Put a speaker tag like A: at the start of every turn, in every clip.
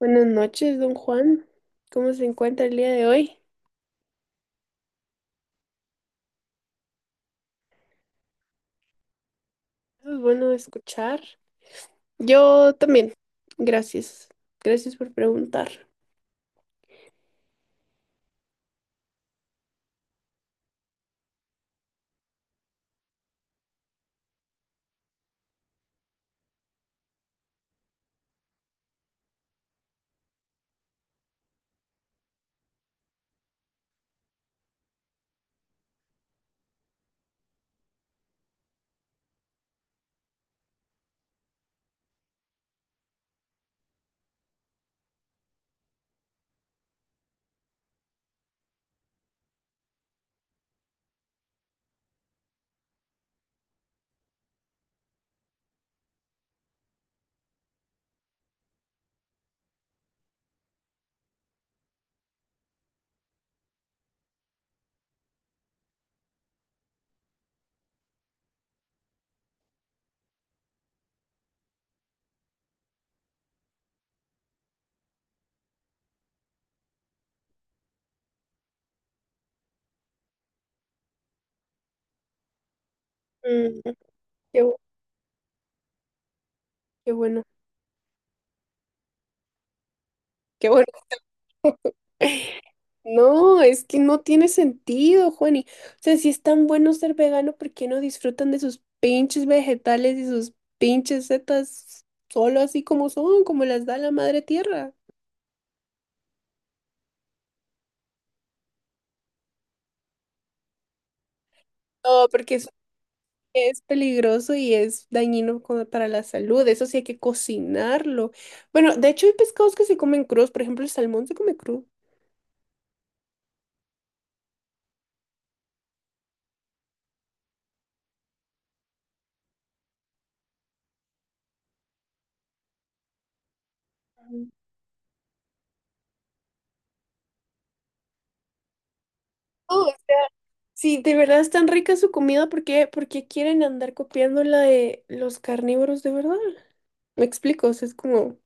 A: Buenas noches, don Juan. ¿Cómo se encuentra el día de hoy? Es bueno escuchar. Yo también. Gracias. Gracias por preguntar. Mm, qué, bu- Qué bueno. Qué bueno. No, es que no tiene sentido, Juani. O sea, si es tan bueno ser vegano, ¿por qué no disfrutan de sus pinches vegetales y sus pinches setas solo así como son, como las da la madre tierra? No, porque es peligroso y es dañino para la salud, eso sí hay que cocinarlo. Bueno, de hecho hay pescados que se comen crudos, por ejemplo, el salmón se come crudo. Mm. Oh, sí, de verdad es tan rica su comida, ¿por qué quieren andar copiando la de los carnívoros de verdad? Me explico, o sea, es como...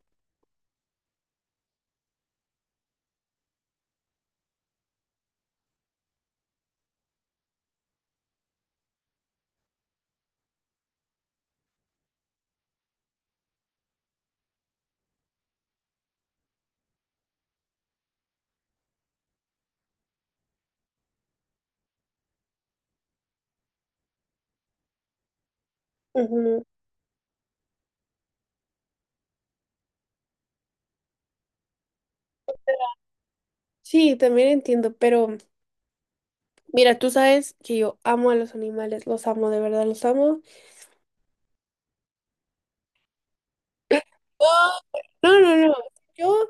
A: Ujú. Sí, también entiendo, pero mira, tú sabes que yo amo a los animales, los amo, de verdad, los amo. No, no, no, no, yo,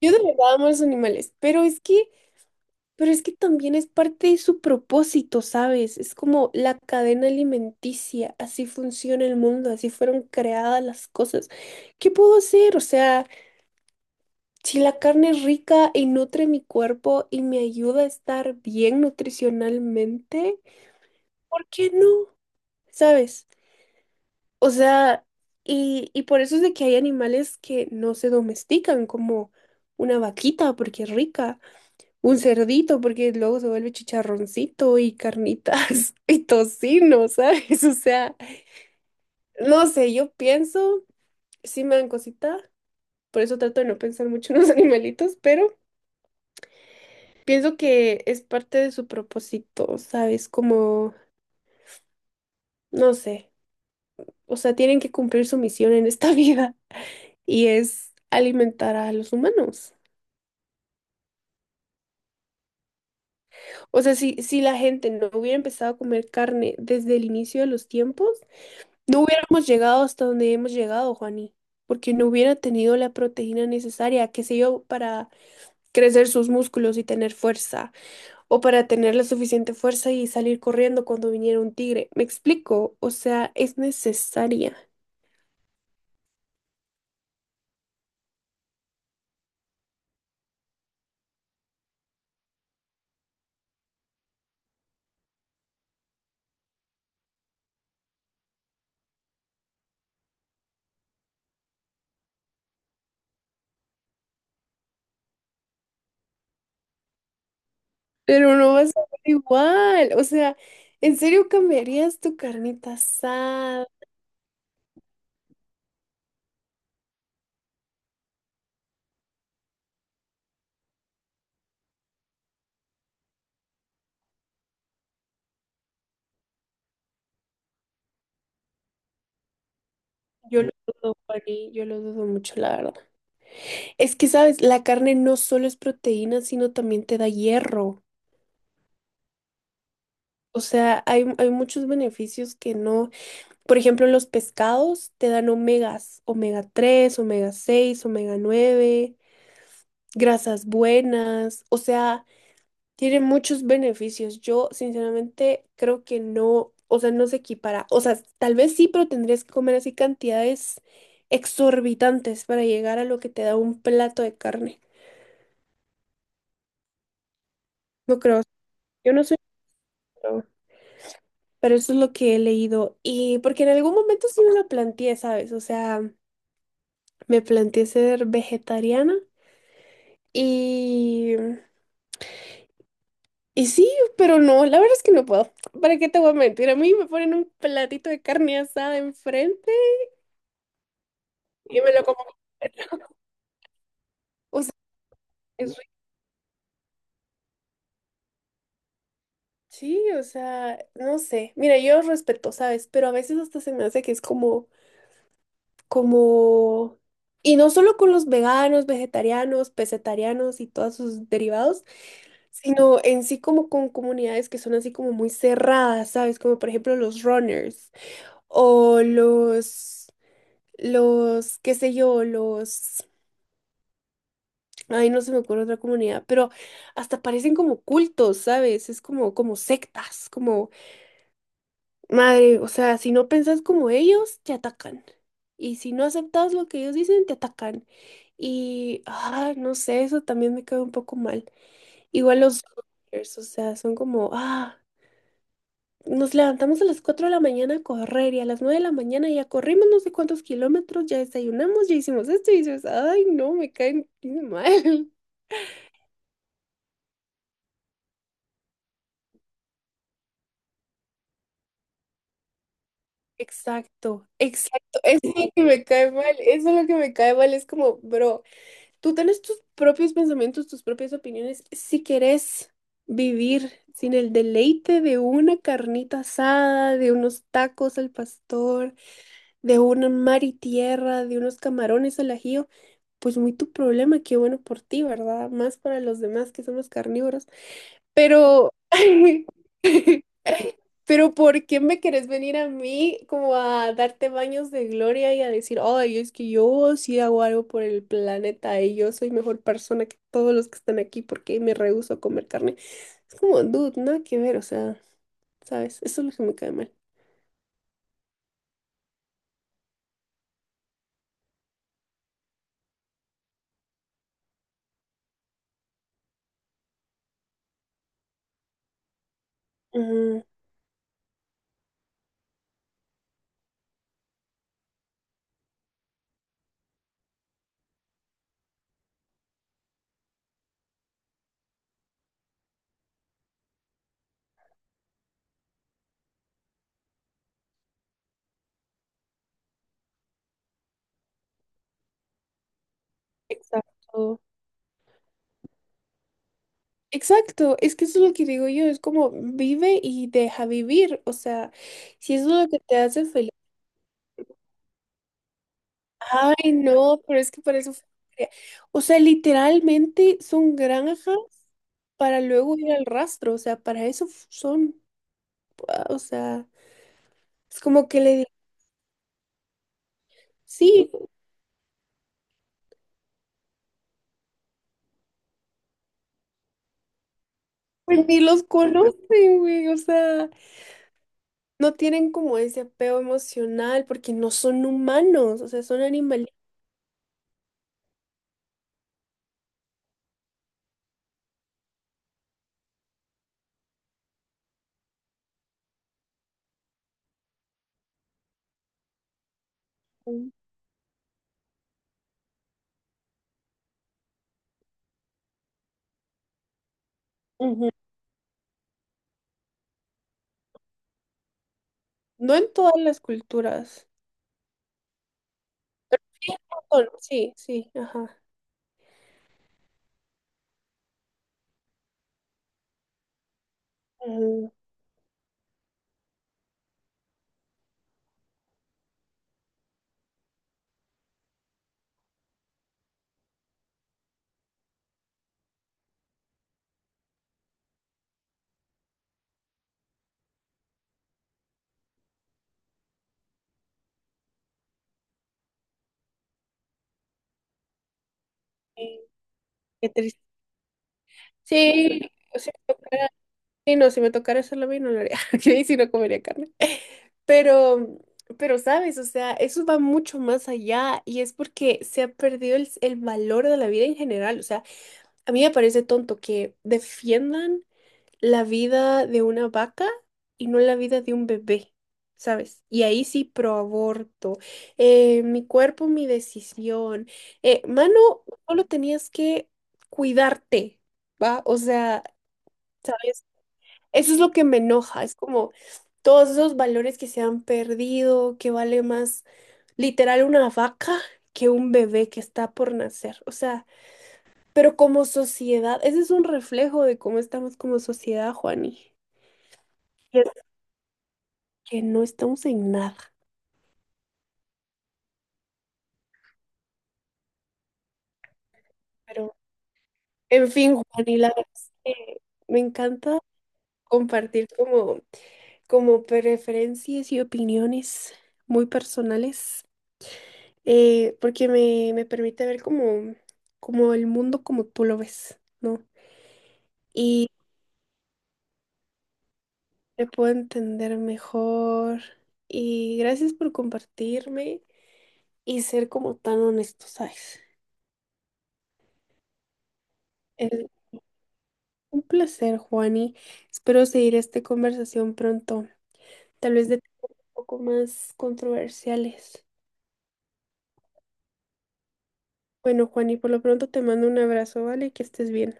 A: yo de verdad amo a los animales, pero es que... Pero es que también es parte de su propósito, ¿sabes? Es como la cadena alimenticia, así funciona el mundo, así fueron creadas las cosas. ¿Qué puedo hacer? O sea, si la carne es rica y nutre mi cuerpo y me ayuda a estar bien nutricionalmente, ¿por qué no? ¿Sabes? O sea, y por eso es de que hay animales que no se domestican, como una vaquita, porque es rica. Un cerdito, porque luego se vuelve chicharroncito y carnitas y tocino, ¿sabes? O sea, no sé, yo pienso, sí me dan cosita, por eso trato de no pensar mucho en los animalitos, pero pienso que es parte de su propósito, ¿sabes? Como, no sé, o sea, tienen que cumplir su misión en esta vida y es alimentar a los humanos. O sea, si la gente no hubiera empezado a comer carne desde el inicio de los tiempos, no hubiéramos llegado hasta donde hemos llegado, Juani, porque no hubiera tenido la proteína necesaria, qué sé yo, para crecer sus músculos y tener fuerza, o para tener la suficiente fuerza y salir corriendo cuando viniera un tigre. ¿Me explico? O sea, es necesaria, pero no vas a ser igual. O sea, ¿en serio cambiarías tu carnita asada? Yo lo dudo, Juani, yo lo dudo mucho, la verdad. Es que, ¿sabes? La carne no solo es proteína, sino también te da hierro. O sea, hay muchos beneficios que no. Por ejemplo, los pescados te dan omegas, omega-3 omega-6 omega-9 grasas buenas. O sea, tiene muchos beneficios. Yo, sinceramente, creo que no, o sea, no se equipara. O sea, tal vez sí, pero tendrías que comer así cantidades exorbitantes para llegar a lo que te da un plato de carne. No creo. Yo no soy. Pro, Pero eso es lo que he leído. Y porque en algún momento sí me lo planteé, ¿sabes? O sea, me planteé ser vegetariana y... Y sí, pero no, la verdad es que no puedo. ¿Para qué te voy a mentir? A mí me ponen un platito de carne asada enfrente y me lo como. O sea, es ri- sí, o sea, no sé. Mira, yo respeto, ¿sabes? Pero a veces hasta se me hace que es como, como... Y no solo con los veganos, vegetarianos, pesetarianos y todos sus derivados, sino en sí como con comunidades que son así como muy cerradas, ¿sabes? Como por ejemplo los runners. O qué sé yo, ay, no se me ocurre otra comunidad, pero hasta parecen como cultos, ¿sabes? Es como, como sectas, como, madre, o sea, si no pensás como ellos, te atacan. Y si no aceptas lo que ellos dicen, te atacan. Y, ah, no sé, eso también me cae un poco mal. Igual los, o sea, son como, ah. Nos levantamos a las 4 de la mañana a correr y a las 9 de la mañana ya corrimos no sé cuántos kilómetros, ya desayunamos, ya hicimos esto y dices, ay, no, me caen mal. Exacto, exacto, eso es lo que me cae mal, eso es lo que me cae mal, es como, bro, tú tienes tus propios pensamientos, tus propias opiniones, si querés vivir sin el deleite de una carnita asada, de unos tacos al pastor, de un mar y tierra, de unos camarones al ajillo, pues muy tu problema, qué bueno por ti, ¿verdad? Más para los demás que somos carnívoros. Pero, pero ¿por qué me querés venir a mí como a darte baños de gloria y a decir, ay, es que yo sí hago algo por el planeta y yo soy mejor persona que todos los que están aquí porque me rehúso a comer carne? Es como, dude, nada que ver, o sea, ¿sabes? Eso es lo que me cae mal. Ujú, exacto. Exacto, es que eso es lo que digo yo, es como vive y deja vivir, o sea, si eso es lo que te hace feliz. Ay, no, pero es que para eso crea- o sea, literalmente son granjas para luego ir al rastro, o sea, para eso son, ah, o sea, es como que le digo, sí, pues ni los conocen, güey, o sea, no tienen como ese apego emocional porque no son humanos, o sea, son animalitos. Ujú. No en todas las culturas. Sí, Japón, sí, sí, ajá. Mm, qué qué triste. Sí, si me tocara, sí, no, si me tocara hacerlo a mí no lo haría, y si no comería carne. Pero, pero sabes, o sea, eso va mucho más allá y es porque se ha perdido el valor de la vida en general. O sea, a mí me parece tonto que defiendan la vida de una vaca y no la vida de un bebé, ¿sabes? Y ahí sí pro aborto, mi cuerpo, mi decisión. Mano, solo tenías que cuidarte, ¿va? O sea, ¿sabes? Eso es lo que me enoja, es como todos esos valores que se han perdido, que vale más literal una vaca que un bebé que está por nacer. O sea, pero como sociedad, ese es un reflejo de cómo estamos como sociedad, Juani, que no estamos en nada. Pero, en fin, Juan, y la verdad es que me encanta compartir como, como preferencias y opiniones muy personales, porque me permite ver como, como el mundo como tú lo ves, ¿no? Y te puedo entender mejor. Y gracias por compartirme y ser como tan honesto, ¿sabes? Es un placer, Juani. Espero seguir esta conversación pronto. Tal vez de poco más controversiales. Bueno, Juan, y por lo pronto te mando un abrazo, ¿vale? Que estés bien.